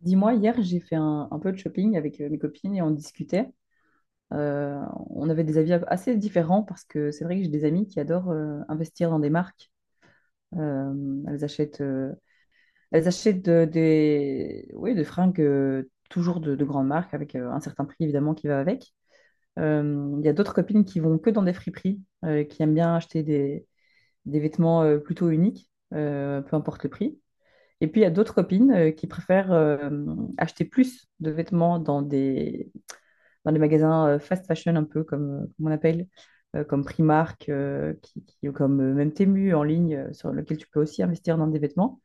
Dis-moi, hier, j'ai fait un peu de shopping avec mes copines et on discutait. Euh, on avait des avis assez différents parce que c'est vrai que j'ai des amis qui adorent investir dans des marques. Euh, elles achètent, euh, elles achètent des, oui, des fringues toujours de grandes marques avec un certain prix évidemment qui va avec. Il y a d'autres copines qui vont que dans des friperies, qui aiment bien acheter des vêtements plutôt uniques, peu importe le prix. Et puis, il y a d'autres copines qui préfèrent acheter plus de vêtements dans des magasins fast fashion, un peu comme on appelle, comme Primark, ou comme même Temu en ligne, sur lequel tu peux aussi investir dans des vêtements,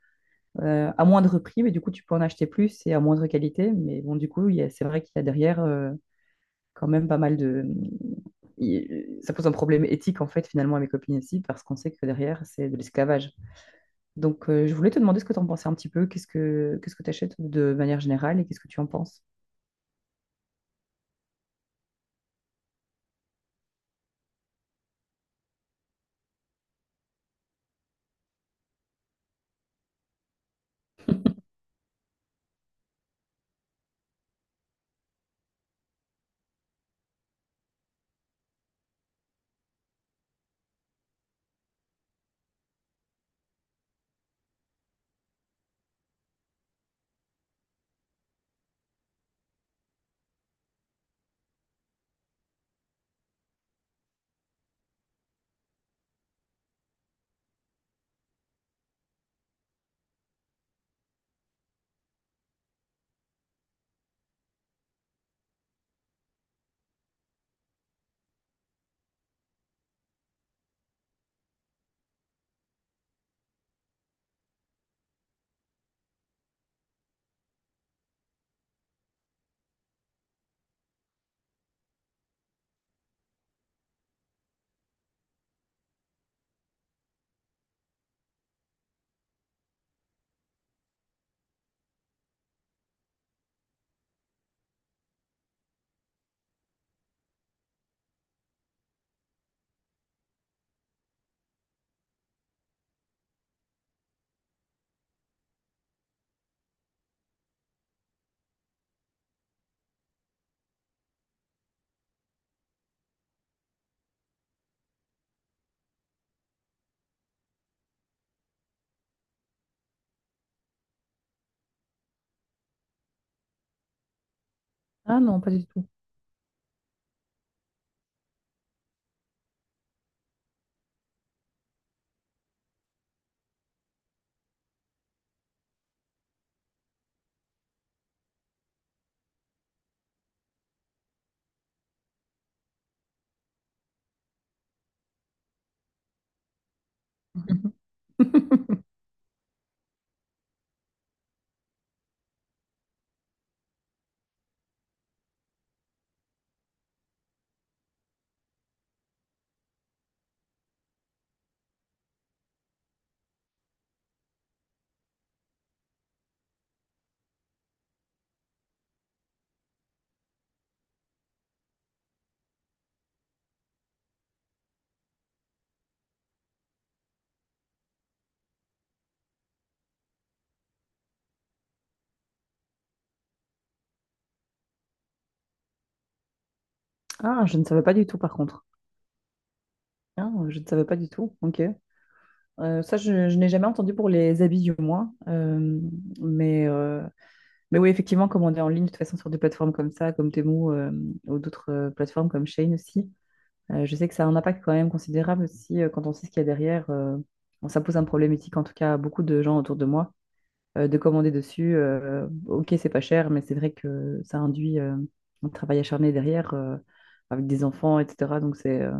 à moindre prix, mais du coup, tu peux en acheter plus et à moindre qualité. Mais bon, du coup, c'est vrai qu'il y a derrière quand même pas mal de... Ça pose un problème éthique, en fait, finalement, à mes copines aussi, parce qu'on sait que derrière, c'est de l'esclavage. Donc, je voulais te demander ce que tu en pensais un petit peu. Qu'est-ce que tu achètes de manière générale et qu'est-ce que tu en penses? Ah non, pas du tout. Ah, je ne savais pas du tout par contre. Ah, je ne savais pas du tout. Ok. Ça, je n'ai jamais entendu pour les habits du moins. Mais, euh, mais oui, effectivement, commander en ligne, de toute façon, sur des plateformes comme ça, comme Temu ou d'autres plateformes comme Shein aussi, je sais que ça a un impact quand même considérable aussi quand on sait ce qu'il y a derrière. Bon, ça pose un problème éthique, en tout cas, à beaucoup de gens autour de moi de commander dessus. Ok, c'est pas cher, mais c'est vrai que ça induit un travail acharné derrière avec des enfants, etc. Donc c'est, euh,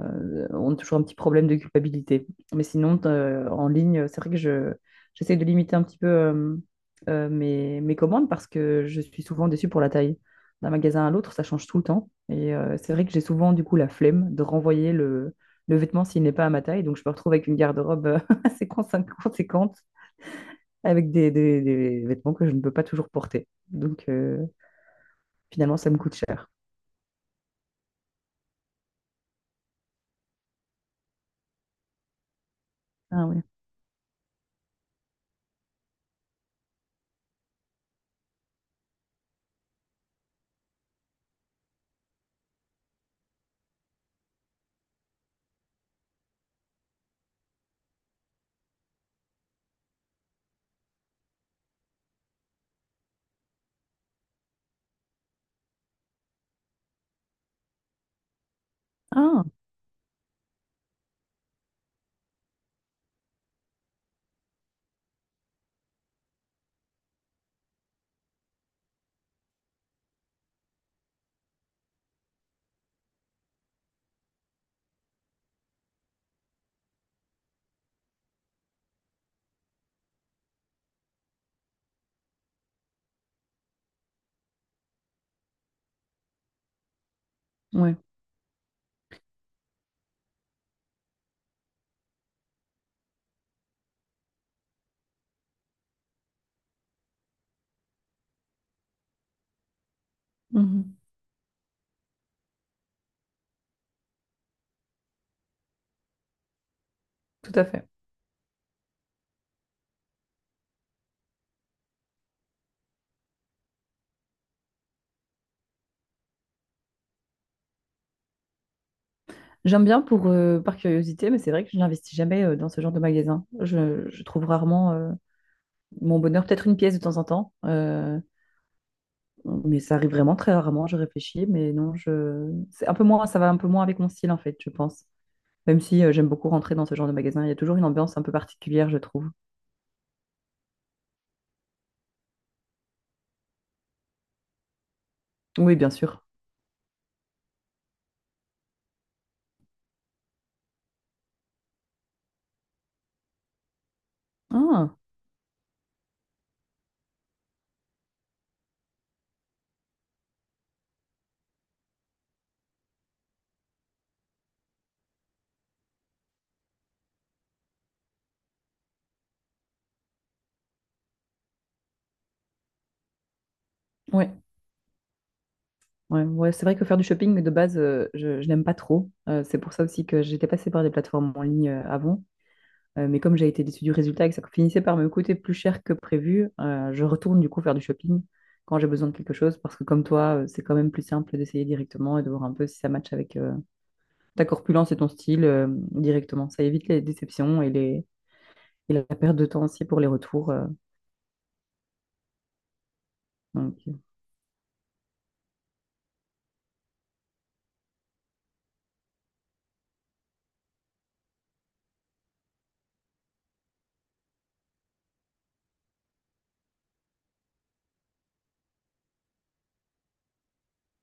euh, On a toujours un petit problème de culpabilité. Mais sinon, en ligne, c'est vrai que j'essaie de limiter un petit peu mes commandes parce que je suis souvent déçue pour la taille. D'un magasin à l'autre, ça change tout le temps. Et c'est vrai que j'ai souvent du coup la flemme de renvoyer le vêtement s'il n'est pas à ma taille. Donc je me retrouve avec une garde-robe assez conséquente avec des vêtements que je ne peux pas toujours porter. Donc, finalement, ça me coûte cher. Ah ouais. Ah, ouais. Mhm. Tout à fait. J'aime bien pour, par curiosité, mais c'est vrai que je n'investis jamais dans ce genre de magasin. Je trouve rarement mon bonheur, peut-être une pièce de temps en temps, mais ça arrive vraiment très rarement. Je réfléchis, mais non, je... c'est un peu moins, ça va un peu moins avec mon style en fait, je pense. Même si j'aime beaucoup rentrer dans ce genre de magasin, il y a toujours une ambiance un peu particulière, je trouve. Oui, bien sûr. Ah, ouais. Ouais, ouais, c'est vrai que faire du shopping mais de base, je n'aime pas trop. C'est pour ça aussi que j'étais passée par des plateformes en ligne avant. Mais comme j'ai été déçue du résultat et que ça finissait par me coûter plus cher que prévu, je retourne du coup faire du shopping quand j'ai besoin de quelque chose. Parce que comme toi, c'est quand même plus simple d'essayer directement et de voir un peu si ça matche avec ta corpulence et ton style directement. Ça évite les déceptions et la perte de temps aussi pour les retours. Euh. Donc,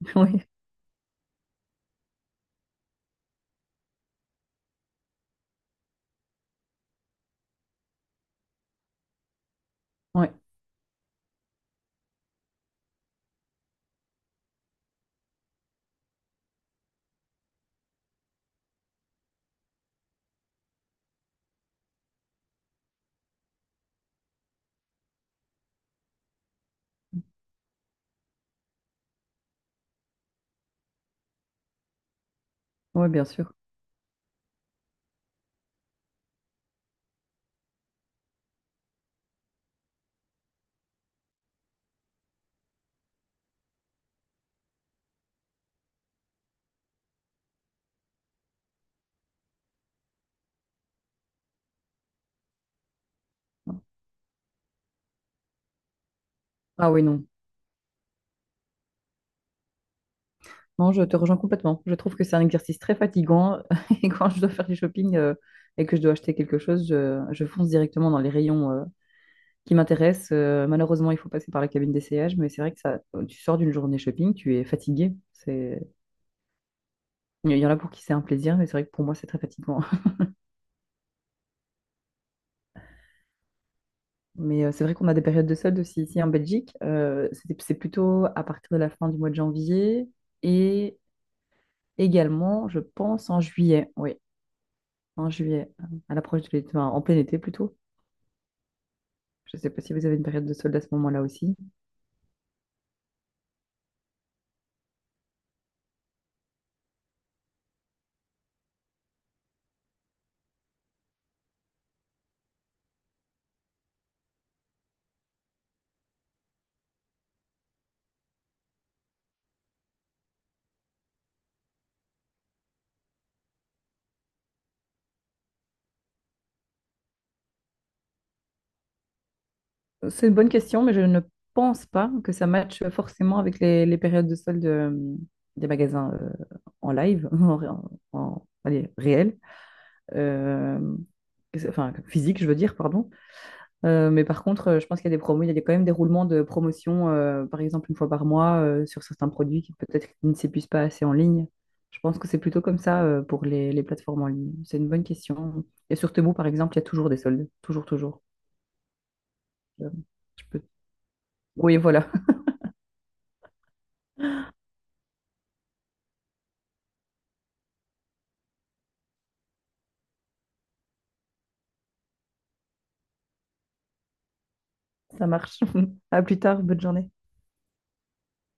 oui, ouais, ouais, bien sûr. Ah oui, non. Non, je te rejoins complètement. Je trouve que c'est un exercice très fatigant. Et quand je dois faire du shopping et que je dois acheter quelque chose, je fonce directement dans les rayons qui m'intéressent. Malheureusement, il faut passer par la cabine d'essayage, mais c'est vrai que ça, tu sors d'une journée shopping, tu es fatigué. C'est... Il y en a pour qui c'est un plaisir, mais c'est vrai que pour moi, c'est très fatigant. Mais c'est vrai qu'on a des périodes de soldes aussi ici en Belgique. C'est plutôt à partir de la fin du mois de janvier et également, je pense, en juillet. Oui, en juillet, à l'approche de l'été, enfin, en plein été plutôt. Je ne sais pas si vous avez une période de solde à ce moment-là aussi. C'est une bonne question, mais je ne pense pas que ça matche forcément avec les périodes de solde des magasins en live, allez, réel. Euh, enfin physique, je veux dire, pardon. Mais par contre, je pense qu'il y a des promos, il y a quand même des roulements de promotion, par exemple une fois par mois, sur certains produits qui peut-être ne s'épuisent pas assez en ligne. Je pense que c'est plutôt comme ça, pour les plateformes en ligne. C'est une bonne question. Et sur Temu, par exemple, il y a toujours des soldes, toujours, toujours. euh, je peux... Oui, voilà, ça marche. À plus tard, bonne journée.